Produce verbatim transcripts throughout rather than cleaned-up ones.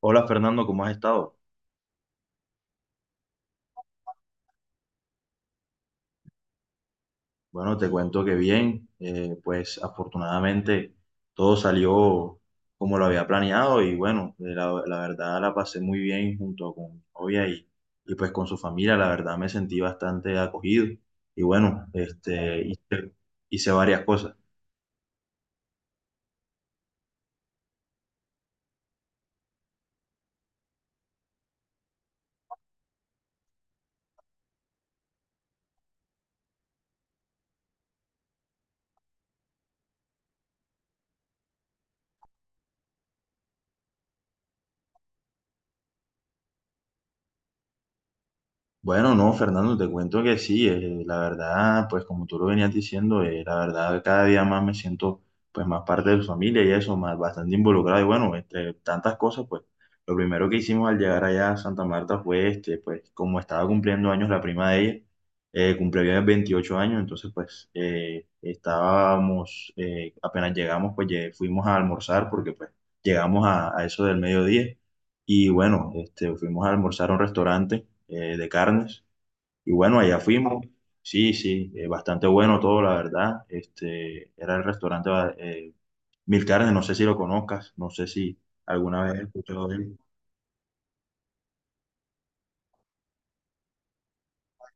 Hola Fernando, ¿cómo has estado? Bueno, te cuento que bien, eh, pues afortunadamente todo salió como lo había planeado y bueno, eh, la, la verdad la pasé muy bien junto con mi novia y, y pues con su familia, la verdad me sentí bastante acogido y bueno, este, hice, hice varias cosas. Bueno, no, Fernando, te cuento que sí, eh, la verdad, pues como tú lo venías diciendo, eh, la verdad cada día más me siento pues más parte de su familia y eso, más bastante involucrado. Y bueno, entre tantas cosas, pues lo primero que hicimos al llegar allá a Santa Marta fue este, pues como estaba cumpliendo años la prima de ella, eh, cumplió ya veintiocho años, entonces pues eh, estábamos, eh, apenas llegamos, pues lle- fuimos a almorzar porque pues llegamos a, a eso del mediodía. Y bueno, este, fuimos a almorzar a un restaurante eh, de carnes. Y bueno, allá fuimos. Sí, sí, eh, bastante bueno todo, la verdad. Este, era el restaurante eh, Mil Carnes, no sé si lo conozcas, no sé si alguna vez has escuchado de él.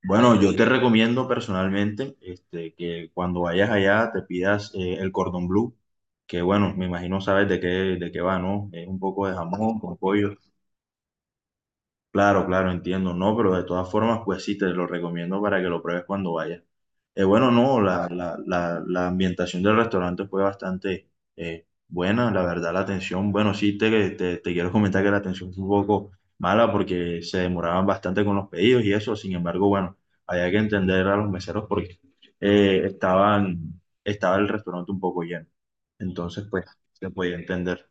Bueno, yo te recomiendo personalmente este, que cuando vayas allá te pidas eh, el cordón blue, que bueno, me imagino sabes de qué, de qué va, ¿no? Es un poco de jamón con pollo. Claro, claro, entiendo, no, pero de todas formas, pues sí, te lo recomiendo para que lo pruebes cuando vayas. Eh, bueno, no, la, la- la- la ambientación del restaurante fue bastante eh, buena, la verdad, la atención, bueno, sí, te, te, te quiero comentar que la atención fue un poco mala porque se demoraban bastante con los pedidos y eso, sin embargo, bueno, había que entender a los meseros porque eh, estaban, estaba el restaurante un poco lleno, entonces, pues, se podía entender.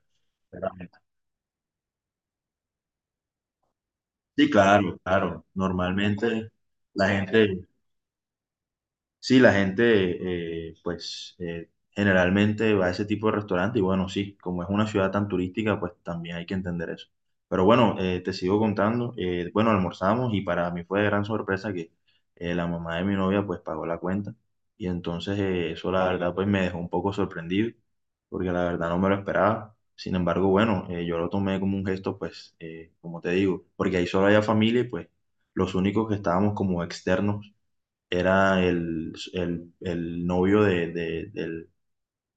Sí, claro, claro, normalmente la gente... Sí, la gente, eh, pues, eh, generalmente va a ese tipo de restaurante y bueno, sí, como es una ciudad tan turística, pues también hay que entender eso. Pero bueno, eh, te sigo contando. Eh, bueno, almorzamos y para mí fue de gran sorpresa que eh, la mamá de mi novia, pues, pagó la cuenta. Y entonces eh, eso, la verdad, pues, me dejó un poco sorprendido, porque la verdad no me lo esperaba. Sin embargo, bueno, eh, yo lo tomé como un gesto, pues, eh, como te digo, porque ahí solo había familia y pues los únicos que estábamos como externos era el, el, el novio de, de, del-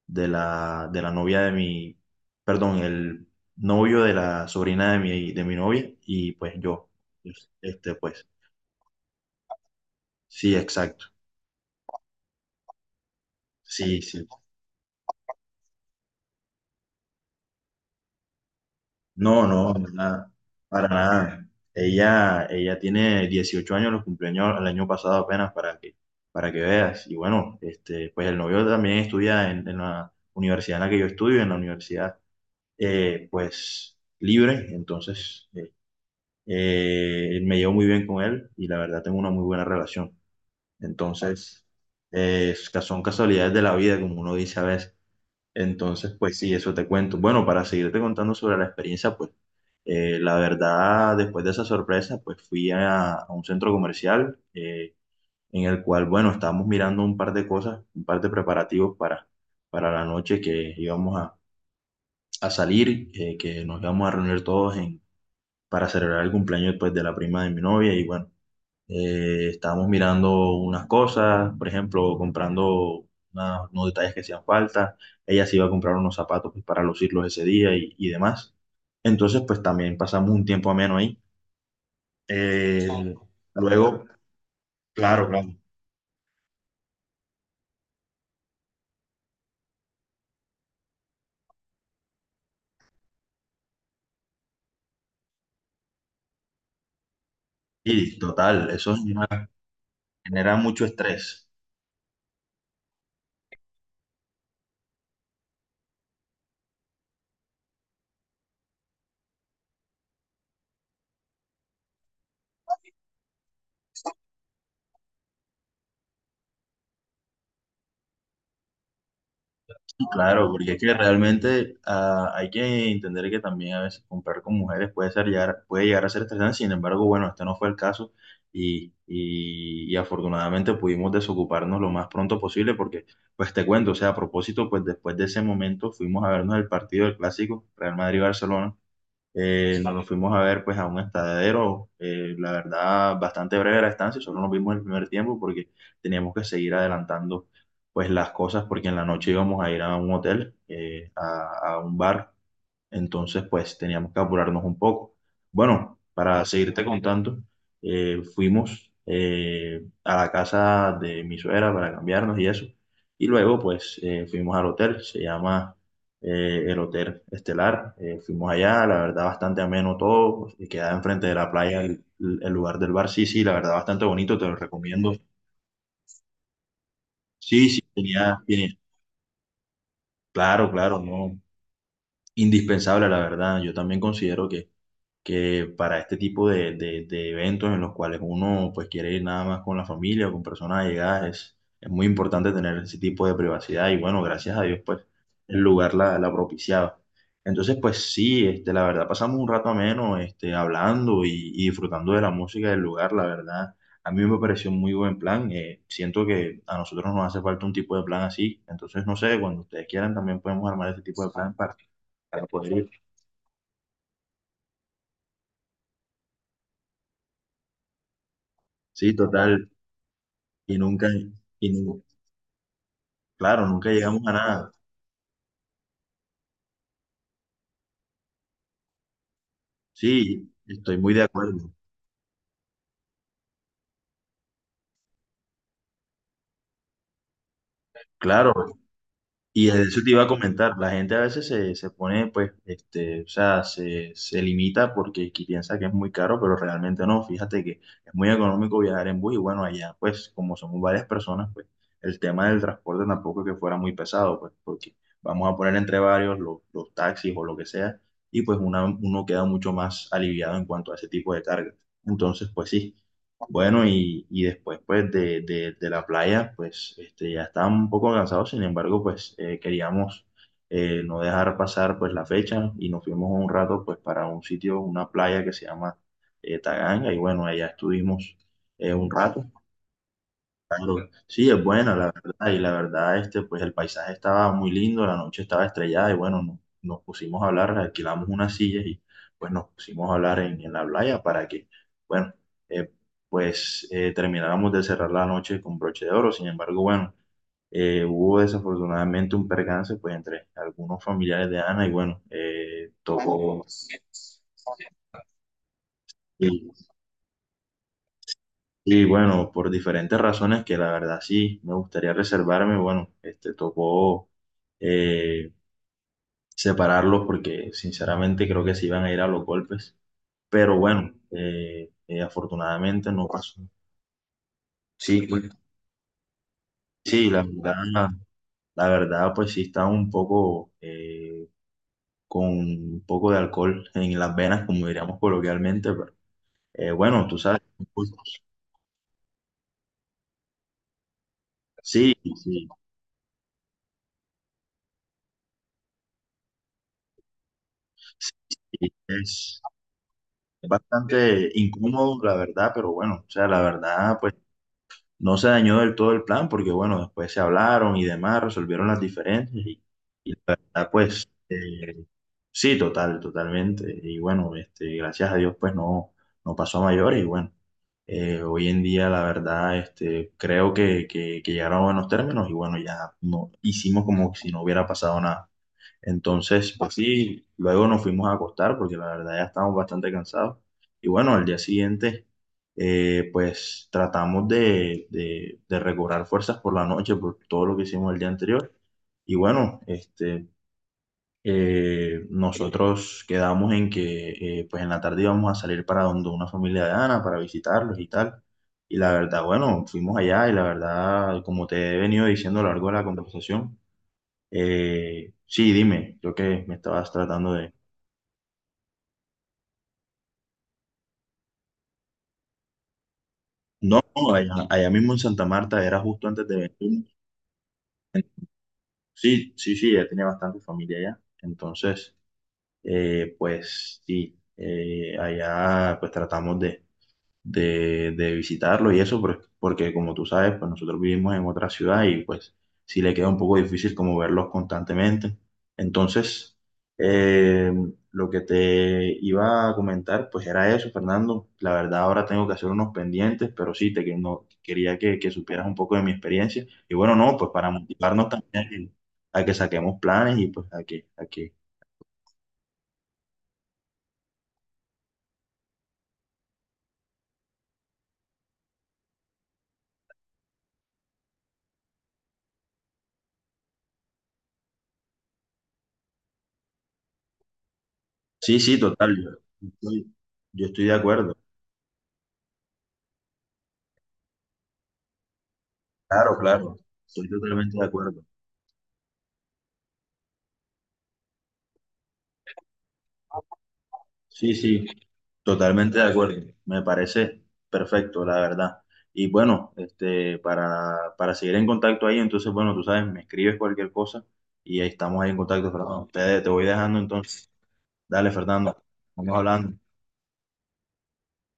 de la, de la novia de mi, perdón, el novio de la sobrina de mi, de mi novia y pues yo, este pues, sí, exacto, sí, sí. No, no, no, nada, para nada. Ella, ella tiene dieciocho años, los cumpleaños el año pasado apenas para que, para que veas. Y bueno, este, pues el novio también estudia en, en la universidad en la que yo estudio, en la universidad eh, pues libre, entonces eh, eh, me llevo muy bien con él y la verdad tengo una muy buena relación. Entonces, eh, es que son casualidades de la vida, como uno dice a veces. Entonces, pues sí, eso te cuento. Bueno, para seguirte contando sobre la experiencia, pues eh, la verdad, después de esa sorpresa, pues fui a, a un centro comercial eh, en el cual, bueno, estábamos mirando un par de cosas, un par de preparativos para, para la noche que íbamos a, a salir, eh, que nos íbamos a reunir todos en para celebrar el cumpleaños pues, de la prima de mi novia y bueno, eh, estábamos mirando unas cosas, por ejemplo, comprando una- unos detalles que hacían falta, ella se iba a comprar unos zapatos pues, para lucirlos ese día y, y demás. Entonces, pues también pasamos un tiempo ameno ahí. Eh, Luego, claro, claro. Y total, eso genera genera mucho estrés. Claro, porque es que realmente ah, hay que entender que también a veces comprar con mujeres puede ser llegar, puede llegar a ser estresante, sin embargo, bueno, este no fue el caso y, y, y afortunadamente pudimos desocuparnos lo más pronto posible porque, pues te cuento, o sea, a propósito, pues después de ese momento fuimos a vernos el partido del clásico Real Madrid-Barcelona eh, nos fuimos a ver pues a un estadero, eh, la verdad bastante breve la estancia, solo nos vimos el primer tiempo porque teníamos que seguir adelantando pues las cosas porque en la noche íbamos a ir a un hotel, eh, a, a un bar entonces, pues teníamos que apurarnos un poco. Bueno, para seguirte contando, eh, fuimos eh, a la casa de mi suegra para cambiarnos y eso. Y luego, pues eh, fuimos al hotel, se llama eh, el Hotel Estelar. Eh, fuimos allá, la verdad, bastante ameno todo. Pues, y quedaba enfrente de la playa el, el lugar del bar. Sí, sí, la verdad, bastante bonito, te lo recomiendo. Sí, sí, tenía, tiene- claro, claro, no, indispensable, la verdad. Yo también considero que que para este tipo de, de- de eventos en los cuales uno pues quiere ir nada más con la familia o con personas allegadas, es, es muy importante tener ese tipo de privacidad y bueno, gracias a Dios pues el lugar la, la propiciaba. Entonces pues sí, este, la verdad pasamos un rato ameno este, hablando y, y disfrutando de la música del lugar, la verdad. A mí me pareció un muy buen plan. Eh, siento que a nosotros nos hace falta un tipo de plan así. Entonces, no sé, cuando ustedes quieran también podemos armar este tipo de plan para, para poder ir. Sí, total. Y nunca, y, claro, nunca llegamos a nada. Sí, estoy muy de acuerdo. Claro, y de eso te iba a comentar. La gente a veces se, se pone, pues, este, o sea, se, se limita porque qui- piensa que es muy caro, pero realmente no. Fíjate que es muy económico viajar en bus y bueno, allá, pues, como somos varias personas, pues, el tema del transporte tampoco es que fuera muy pesado, pues, porque vamos a poner entre varios los, los taxis o lo que sea, y pues una- uno queda mucho más aliviado en cuanto a ese tipo de carga. Entonces, pues sí. Bueno, y, y después pues de, de- de la playa, pues este, ya estábamos un poco cansados, sin embargo, pues eh, queríamos eh, no dejar pasar pues la fecha y nos fuimos un rato pues para un sitio, una playa que se llama eh, Taganga y bueno, allá estuvimos eh, un rato. Claro, sí, es buena, la verdad, y la verdad, este, pues el paisaje estaba muy lindo, la noche estaba estrellada, y bueno, no- nos pusimos a hablar, alquilamos unas sillas y pues nos pusimos a hablar en, en la playa para que, bueno, eh, pues eh, termináramos de cerrar la noche con broche de oro, sin embargo, bueno, eh, hubo desafortunadamente un percance, pues entre algunos familiares de Ana, y bueno, eh, tocó, y bueno, por diferentes razones que la verdad sí me gustaría reservarme, bueno, este tocó eh, separarlos porque sinceramente creo que se iban a ir a los golpes. Pero bueno, eh, eh, afortunadamente no pasó. Sí, pues, sí, la verdad, la verdad, pues sí estaba un poco eh, con un poco de alcohol en las venas, como diríamos coloquialmente, pero eh, bueno, tú sabes. Pues, sí, sí, sí, es, bastante incómodo, la verdad, pero bueno, o sea, la verdad, pues no se dañó del todo el plan porque, bueno, después se hablaron y demás, resolvieron las diferencias y, y la verdad, pues, eh, sí, total, totalmente. Y bueno, este, gracias a Dios, pues no, no pasó a mayores y bueno, eh, hoy en día, la verdad, este, creo que, que, que llegaron a buenos términos y bueno, ya no, hicimos como si no hubiera pasado nada. Entonces, pues sí, luego nos fuimos a acostar porque la verdad ya estábamos bastante cansados. Y bueno, al día siguiente eh, pues tratamos de, de, de recobrar fuerzas por la noche, por todo lo que hicimos el día anterior. Y bueno, este, eh, nosotros quedamos en que eh, pues en la tarde íbamos a salir para donde una familia de Ana, para visitarlos y tal. Y la verdad, bueno, fuimos allá y la verdad, como te he venido diciendo a lo largo de la conversación, eh, sí, dime, creo que me estabas tratando de... No, no, allá, allá mismo en Santa Marta, era justo antes de venir. Sí, sí, sí, ella tiene bastante familia allá. Entonces, eh, pues sí, eh, allá pues tratamos de, de, de visitarlo y eso, por- porque como tú sabes, pues nosotros vivimos en otra ciudad y pues sí le queda un poco difícil como verlos constantemente. Entonces, eh, lo que te iba a comentar, pues era eso, Fernando. La verdad, ahora tengo que hacer unos pendientes, pero sí, te que- no- quería que, que supieras un poco de mi experiencia. Y bueno, no, pues para motivarnos también a que, a que saquemos planes y pues a que, a que... Sí, sí, total. Yo, yo estoy yo estoy de acuerdo. Claro, claro. Estoy totalmente de acuerdo. Sí, sí, totalmente de acuerdo. Me parece perfecto, la verdad. Y bueno, este, para, para seguir en contacto ahí, entonces, bueno, tú sabes, me escribes cualquier cosa y ahí estamos ahí en contacto, Fernando. Te, te voy dejando entonces. Dale, Fernando, vamos hablando.